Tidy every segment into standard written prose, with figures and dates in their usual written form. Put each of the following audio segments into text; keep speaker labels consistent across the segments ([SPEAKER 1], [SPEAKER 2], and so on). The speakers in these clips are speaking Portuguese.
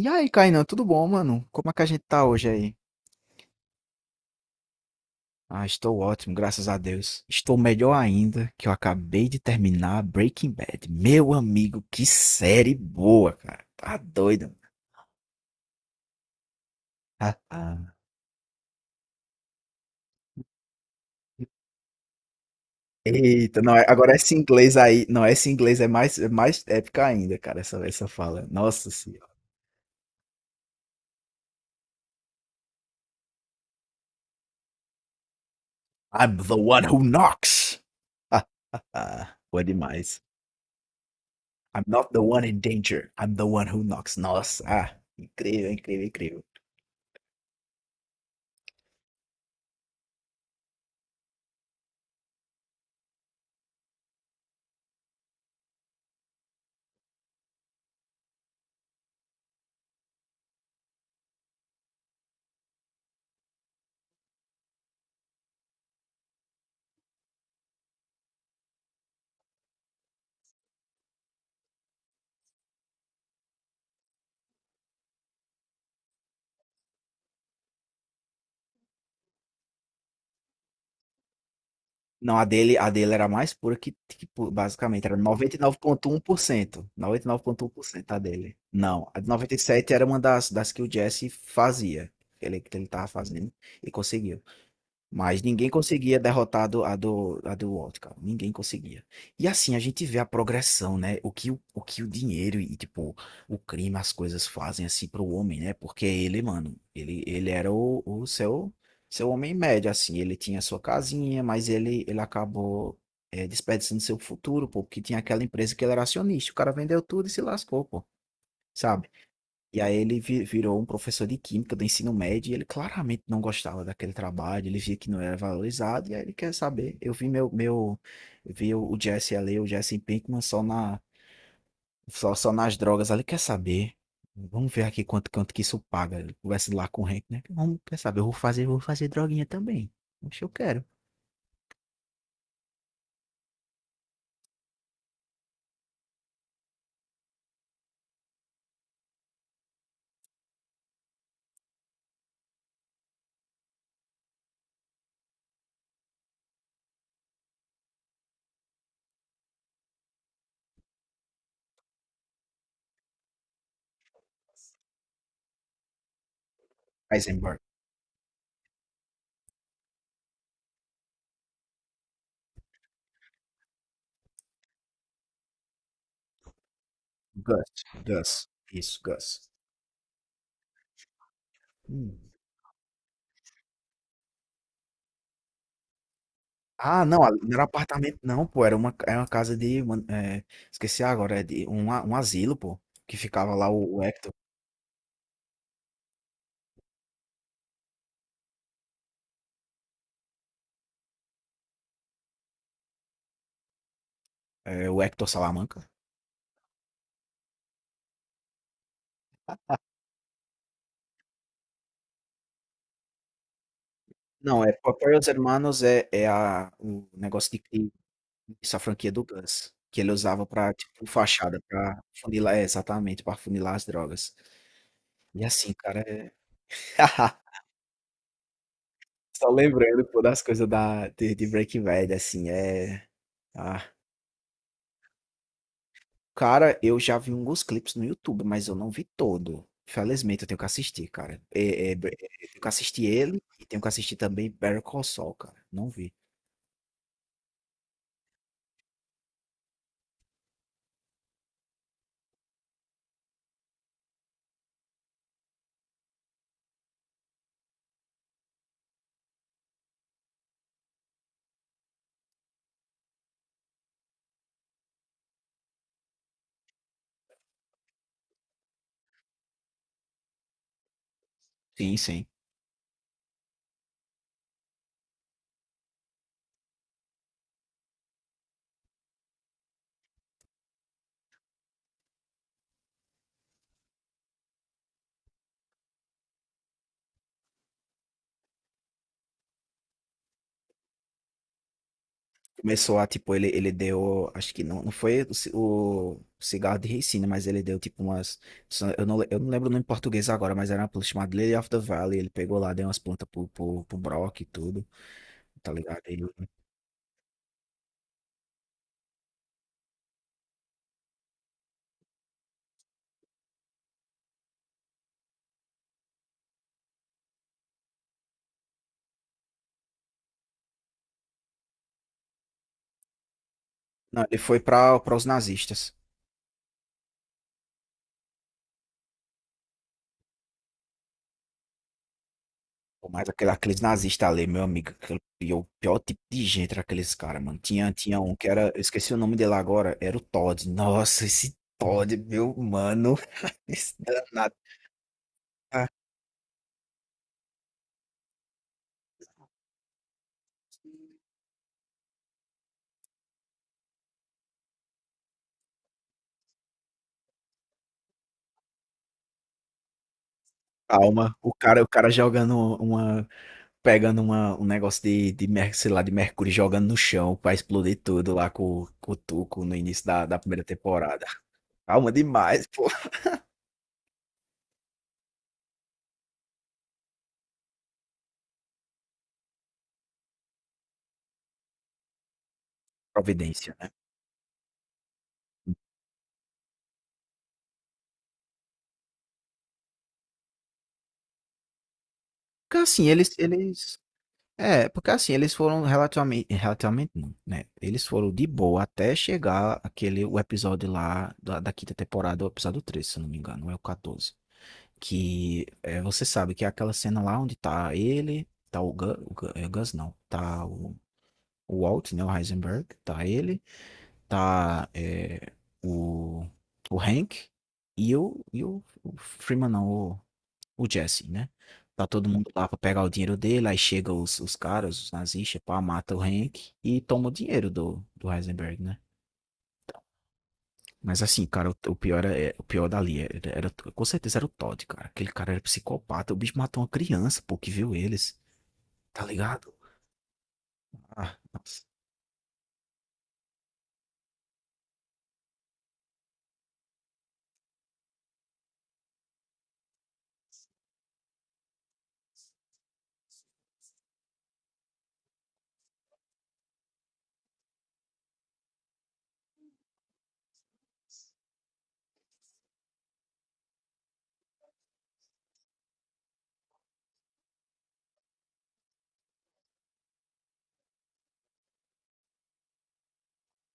[SPEAKER 1] E aí, Kainan, tudo bom, mano? Como é que a gente tá hoje aí? Ah, estou ótimo, graças a Deus. Estou melhor ainda, que eu acabei de terminar Breaking Bad. Meu amigo, que série boa, cara. Tá doido. Ah, ah. Eita, não, agora esse inglês aí, não, esse inglês é mais épica ainda, cara, essa fala. Nossa senhora. I'm the one who knocks. Ah, ah, foi demais. I'm not the one in danger. I'm the one who knocks. Nossa, ah, incrível, incrível, incrível. Não, a dele era mais pura basicamente era 99,1% 99,1% a dele. Não, a de 97 era uma das que o Jesse fazia, que ele tava fazendo e conseguiu. Mas ninguém conseguia derrotar a do Walt, cara. Ninguém conseguia. E assim, a gente vê a progressão, né? O que o dinheiro e, tipo, o crime, as coisas fazem, assim, pro homem, né? Porque ele, mano, ele era o seu, seu homem médio, assim. Ele tinha sua casinha, mas ele acabou, desperdiçando seu futuro, pô. Porque tinha aquela empresa que ele era acionista. O cara vendeu tudo e se lascou, pô. Sabe? E aí ele virou um professor de química do ensino médio e ele claramente não gostava daquele trabalho, ele via que não era valorizado e aí ele quer saber. Eu vi o Jesse ali, o Jesse Pinkman só nas drogas ali, quer saber? Vamos ver aqui quanto que isso paga. Ele conversa lá com o Hank, né? Vamos, quer saber? Eu vou fazer droguinha também. Acho que eu quero. Heisenberg. Gus. Gus. Isso, Gus. Hum. Ah, não, ali não era apartamento não, pô, era era uma casa de, esqueci agora, é de um asilo, pô, que ficava lá o Hector, o Hector Salamanca. Não, é Proprios Hermanos o negócio de essa franquia do Gus, que ele usava pra, tipo, fachada, é, exatamente, pra funilar as drogas. E assim, cara, Só lembrando, pô, das coisas de Breaking Bad, assim, ah, cara, eu já vi alguns clipes no YouTube, mas eu não vi todo. Infelizmente, eu tenho que assistir, cara. É, é, é, eu tenho que assistir ele e tenho que assistir também Better Call Saul, cara. Não vi. Sim, sim. Começou a, tipo, ele deu, acho que não foi o cigarro de ricina, mas ele deu, tipo, umas, eu não lembro o nome em português agora, mas era uma planta chamada Lily of the Valley, ele pegou lá, deu umas plantas pro Brock e tudo, tá ligado? Não, ele foi pra os nazistas. Pô, mas aqueles nazistas ali, meu amigo, e o pior tipo de gente era aqueles caras, mano. Tinha um que era, eu esqueci o nome dele agora, era o Todd. Nossa, esse Todd, meu mano, esse danado. Ah, calma, o cara uma, pegando um negócio sei lá, de mercúrio, jogando no chão pra explodir tudo lá com o Tuco no início da primeira temporada. Calma demais, pô. Providência, né? Porque assim, eles É, porque assim, eles foram relativamente, relativamente não, né? Eles foram de boa até chegar o episódio lá da quinta temporada, o episódio 13, se eu não me engano, não é o 14. Que é, você sabe que é aquela cena lá onde tá ele, tá Gus, o é, Gus não, tá o Walt, né, o Heisenberg, tá ele, tá o, o Hank e e o Freeman não, o Jesse, né? Tá todo mundo lá pra pegar o dinheiro dele, aí chega os caras, os nazistas, pá, mata o Hank e toma o dinheiro do Heisenberg, né? Mas assim, cara, o pior o pior dali com certeza era o Todd, cara. Aquele cara era psicopata, o bicho matou uma criança, pô, que viu eles, tá ligado? Ah, nossa.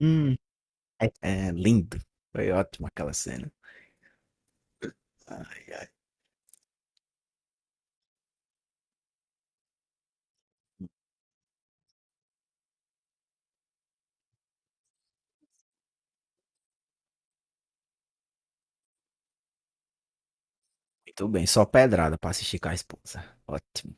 [SPEAKER 1] Hum, é lindo. Foi ótimo aquela cena. Ai, ai. Muito bem, só pedrada pra assistir com a esposa. Ótimo.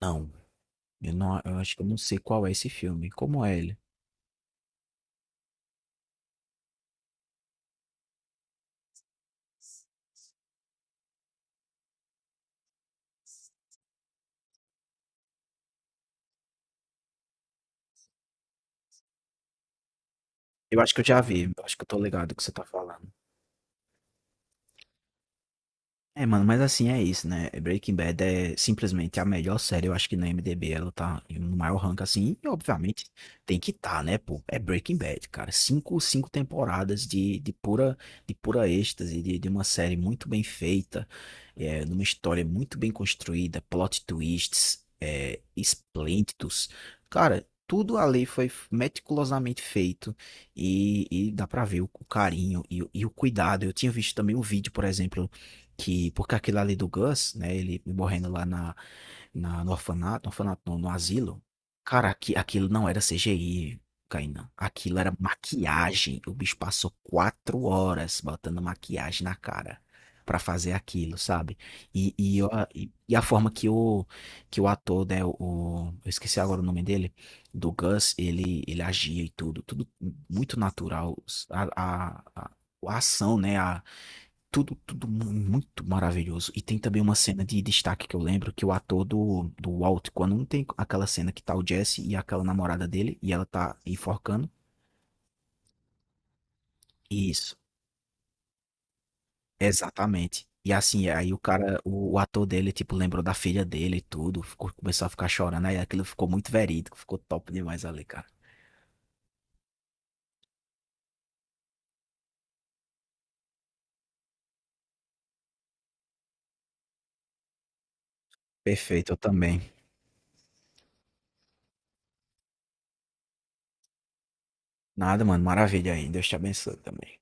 [SPEAKER 1] Não, eu acho que eu não sei qual é esse filme. Como é ele? Eu acho que eu já vi, eu acho que eu tô ligado do que você tá falando. É, mano, mas assim é isso, né? Breaking Bad é simplesmente a melhor série, eu acho que no IMDb ela tá no maior rank assim, e obviamente tem que tá, né, pô? É Breaking Bad, cara. Cinco temporadas de pura êxtase, de uma série muito bem feita, numa história muito bem construída, plot twists, esplêndidos. Cara, tudo ali foi meticulosamente feito. E dá pra ver o carinho e o cuidado. Eu tinha visto também um vídeo, por exemplo, que porque aquilo ali do Gus, né, ele morrendo lá na, na no orfanato, no orfanato não, no asilo, cara, aqui, aquilo não era CGI, Kainan, aquilo era maquiagem, o bicho passou 4 horas botando maquiagem na cara pra fazer aquilo, sabe? E, e, eu- a forma que o ator, né, eu esqueci agora o nome dele, do Gus, ele agia e tudo muito natural, a, a, a a ação, né, a, tudo, tudo mu- muito maravilhoso. E tem também uma cena de destaque que eu lembro, que o ator do Walt, quando não tem aquela cena que tá o Jesse e aquela namorada dele, e ela tá enforcando. Isso, exatamente. E assim, aí o cara, o ator dele, tipo, lembrou da filha dele e tudo, começou a ficar chorando, aí aquilo ficou muito verídico, ficou top demais ali, cara. Perfeito, eu também. Nada, mano, maravilha aí, Deus te abençoe também.